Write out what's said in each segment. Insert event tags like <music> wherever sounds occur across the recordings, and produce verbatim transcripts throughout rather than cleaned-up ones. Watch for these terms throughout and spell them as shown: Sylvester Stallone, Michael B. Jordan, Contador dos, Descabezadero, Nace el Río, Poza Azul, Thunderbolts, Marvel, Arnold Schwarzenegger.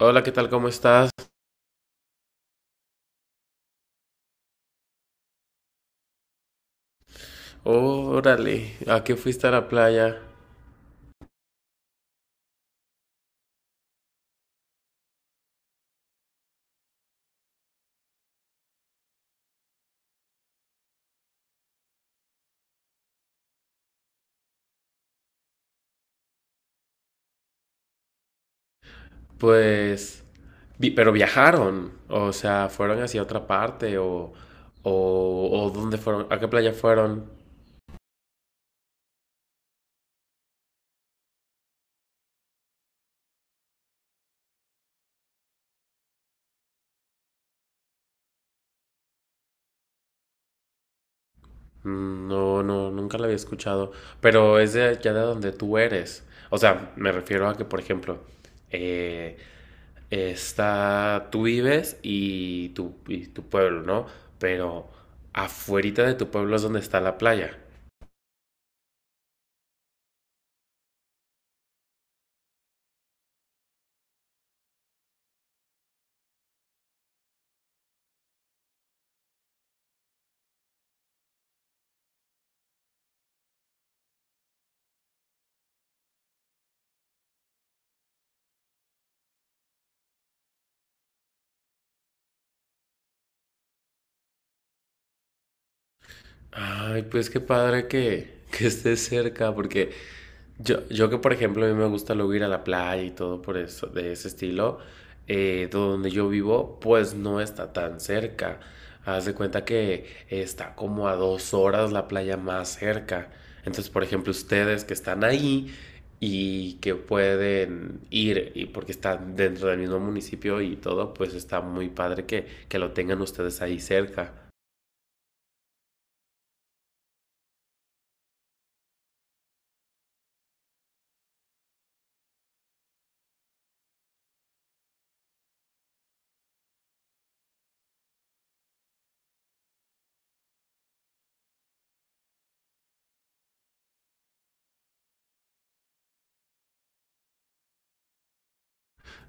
Hola, ¿qué tal? ¿Cómo estás? Órale, ¿a qué fuiste a la playa? Pues, vi- pero viajaron, o sea, fueron hacia otra parte o, o, o ¿dónde fueron? ¿A qué playa fueron? Mm, no, no, nunca la había escuchado, pero es de allá de donde tú eres. O sea, me refiero a que, por ejemplo, eh, está, tú vives y tu, y tu pueblo, ¿no? Pero afuerita de tu pueblo es donde está la playa. Ay, pues qué padre que, que estés cerca, porque yo, yo que por ejemplo a mí me gusta luego ir a la playa y todo por eso, de ese estilo, eh, donde yo vivo, pues no está tan cerca. Haz de cuenta que está como a dos horas la playa más cerca. Entonces, por ejemplo, ustedes que están ahí y que pueden ir, y porque están dentro del mismo municipio y todo, pues está muy padre que, que lo tengan ustedes ahí cerca.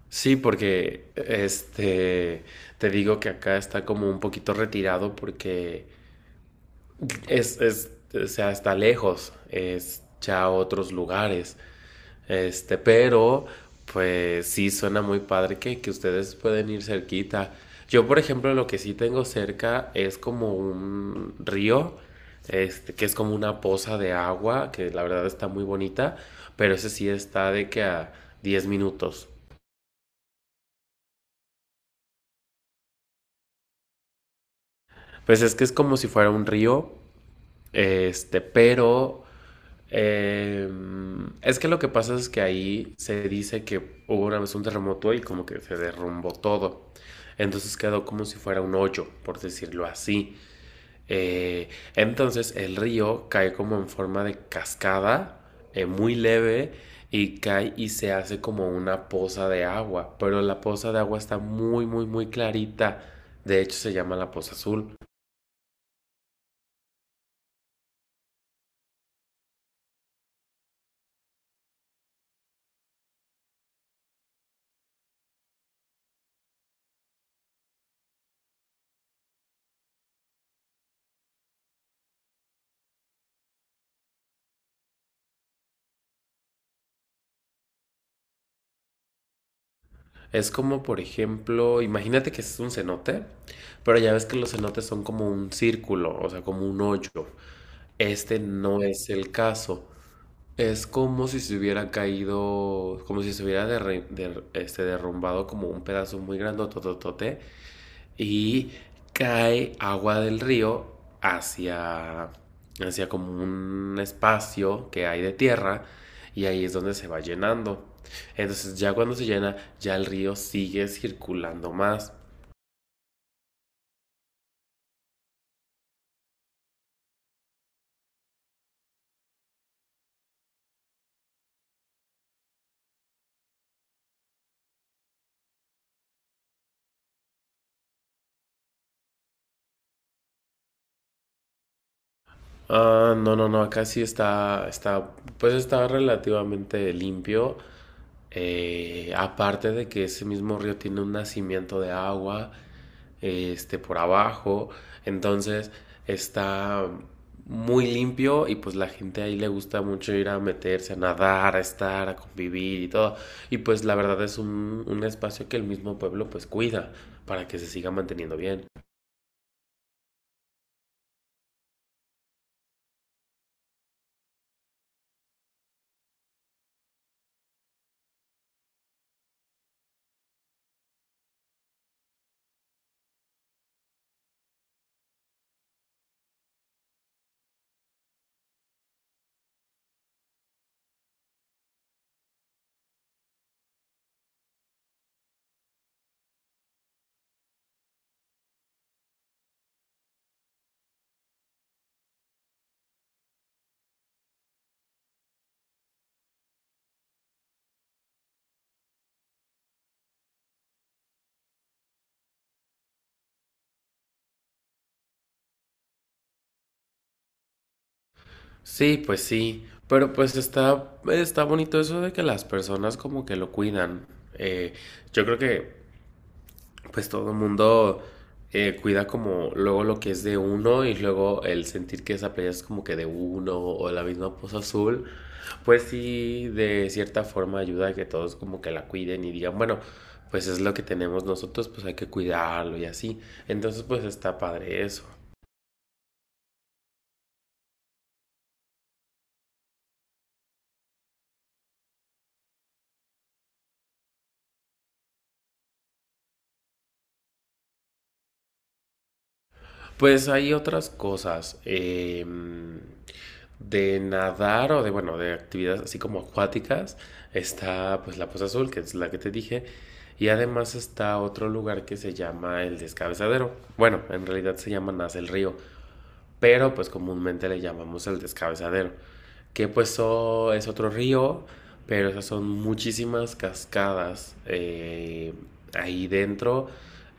Sí, porque este te digo que acá está como un poquito retirado porque es, es o sea, está lejos, es ya otros lugares. Este, pero pues sí suena muy padre que, que ustedes pueden ir cerquita. Yo, por ejemplo, lo que sí tengo cerca es como un río, este, que es como una poza de agua, que la verdad está muy bonita, pero ese sí está de que a diez minutos. Pues es que es como si fuera un río. Este, pero eh, es que lo que pasa es que ahí se dice que hubo una vez un terremoto y como que se derrumbó todo. Entonces quedó como si fuera un hoyo, por decirlo así. Eh, entonces el río cae como en forma de cascada, eh, muy leve, y cae y se hace como una poza de agua. Pero la poza de agua está muy, muy, muy clarita. De hecho se llama la Poza Azul. Es como, por ejemplo, imagínate que es un cenote, pero ya ves que los cenotes son como un círculo, o sea, como un hoyo. Este no es el caso. Es como si se hubiera caído, como si se hubiera derri- der- este, derrumbado como un pedazo muy grandototote y cae agua del río hacia, hacia como un espacio que hay de tierra y ahí es donde se va llenando. Entonces ya cuando se llena, ya el río sigue circulando más. Ah, no, no, no, acá sí está, está, pues está relativamente limpio. Eh, aparte de que ese mismo río tiene un nacimiento de agua este, por abajo. Entonces está muy limpio y pues la gente ahí le gusta mucho ir a meterse, a nadar, a estar, a convivir y todo. Y pues la verdad es un, un espacio que el mismo pueblo pues cuida para que se siga manteniendo bien. Sí, pues sí, pero pues está, está bonito eso de que las personas como que lo cuidan. Eh, yo creo que pues todo el mundo eh, cuida como luego lo que es de uno y luego el sentir que esa playa es como que de uno o la misma Poza Azul, pues sí, de cierta forma ayuda a que todos como que la cuiden y digan, bueno, pues es lo que tenemos nosotros, pues hay que cuidarlo y así. Entonces, pues está padre eso. Pues hay otras cosas. Em, de nadar o de, bueno, de actividades así como acuáticas, está pues la Poza Azul, que es la que te dije. Y además está otro lugar que se llama el Descabezadero. Bueno, en realidad se llama Nace el Río, pero pues comúnmente le llamamos el Descabezadero, que pues oh, es otro río, pero esas son muchísimas cascadas, eh, ahí dentro,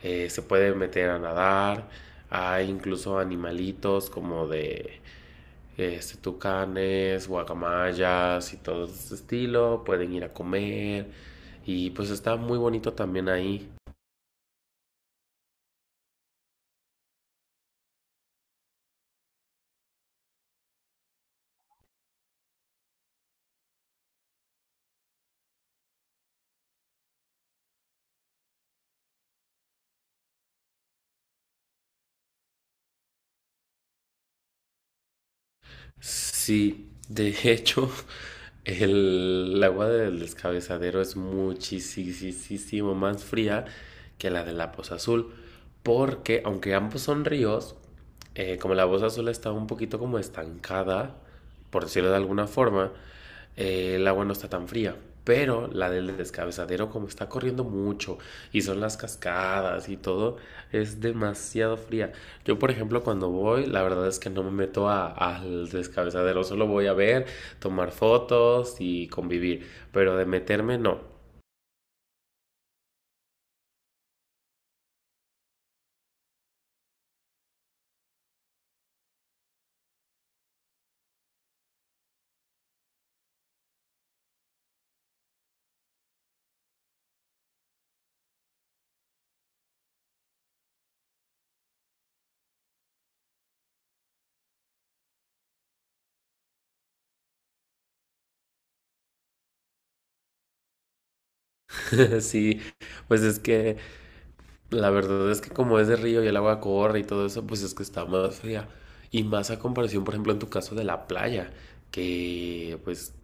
eh, se puede meter a nadar, hay incluso animalitos como de este, tucanes, guacamayas y todo ese estilo, pueden ir a comer y pues está muy bonito también ahí. Sí, de hecho, el el agua del Descabezadero es muchísimo más fría que la de la Poza Azul, porque aunque ambos son ríos, eh, como la Poza Azul está un poquito como estancada, por decirlo de alguna forma, eh, el agua no está tan fría. Pero la del Descabezadero, como está corriendo mucho y son las cascadas y todo, es demasiado fría. Yo, por ejemplo, cuando voy, la verdad es que no me meto a- al Descabezadero, solo voy a ver, tomar fotos y convivir. Pero de meterme, no. <laughs> Sí, pues es que la verdad es que como es de río y el agua corre y todo eso, pues es que está más fría. Y más a comparación, por ejemplo, en tu caso de la playa, que pues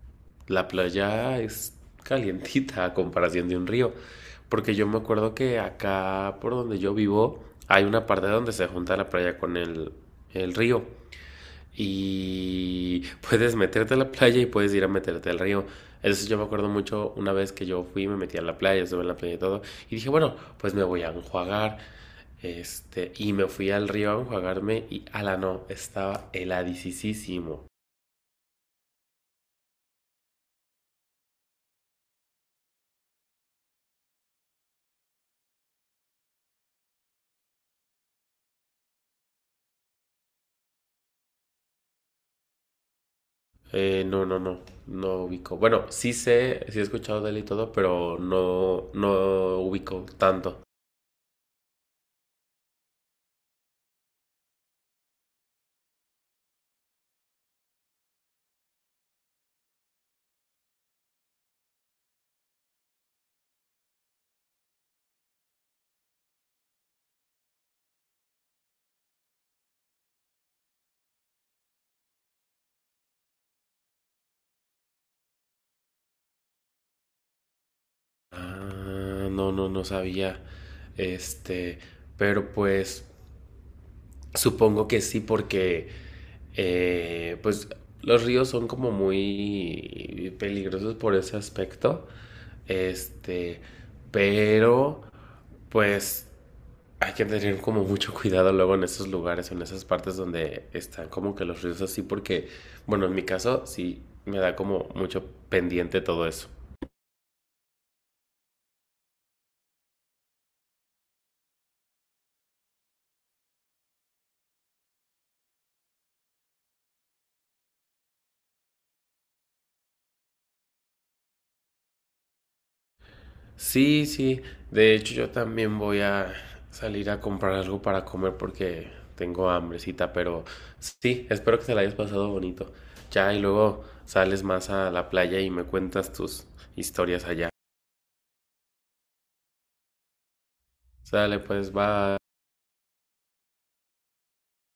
la playa es calientita a comparación de un río. Porque yo me acuerdo que acá por donde yo vivo hay una parte donde se junta la playa con el, el río. Y <laughs> puedes meterte a la playa y puedes ir a meterte al río. Eso sí, yo me acuerdo mucho una vez que yo fui, me metí a la playa, estuve en la playa y todo. Y dije, bueno, pues me voy a enjuagar. Este, y me fui al río a enjuagarme y ala no, estaba heladicísimo. Eh, no, no, no, no ubico. Bueno, sí sé, sí he escuchado de él y todo, pero no, no ubico tanto. Ah, no, no, no sabía. Este, pero pues supongo que sí, porque eh, pues los ríos son como muy peligrosos por ese aspecto. Este, pero pues hay que tener como mucho cuidado luego en esos lugares, en esas partes donde están como que los ríos así, porque, bueno, en mi caso sí me da como mucho pendiente todo eso. Sí, sí. De hecho, yo también voy a salir a comprar algo para comer porque tengo hambrecita, pero sí, espero que te la hayas pasado bonito. Ya, y luego sales más a la playa y me cuentas tus historias allá. Sale, pues, bye.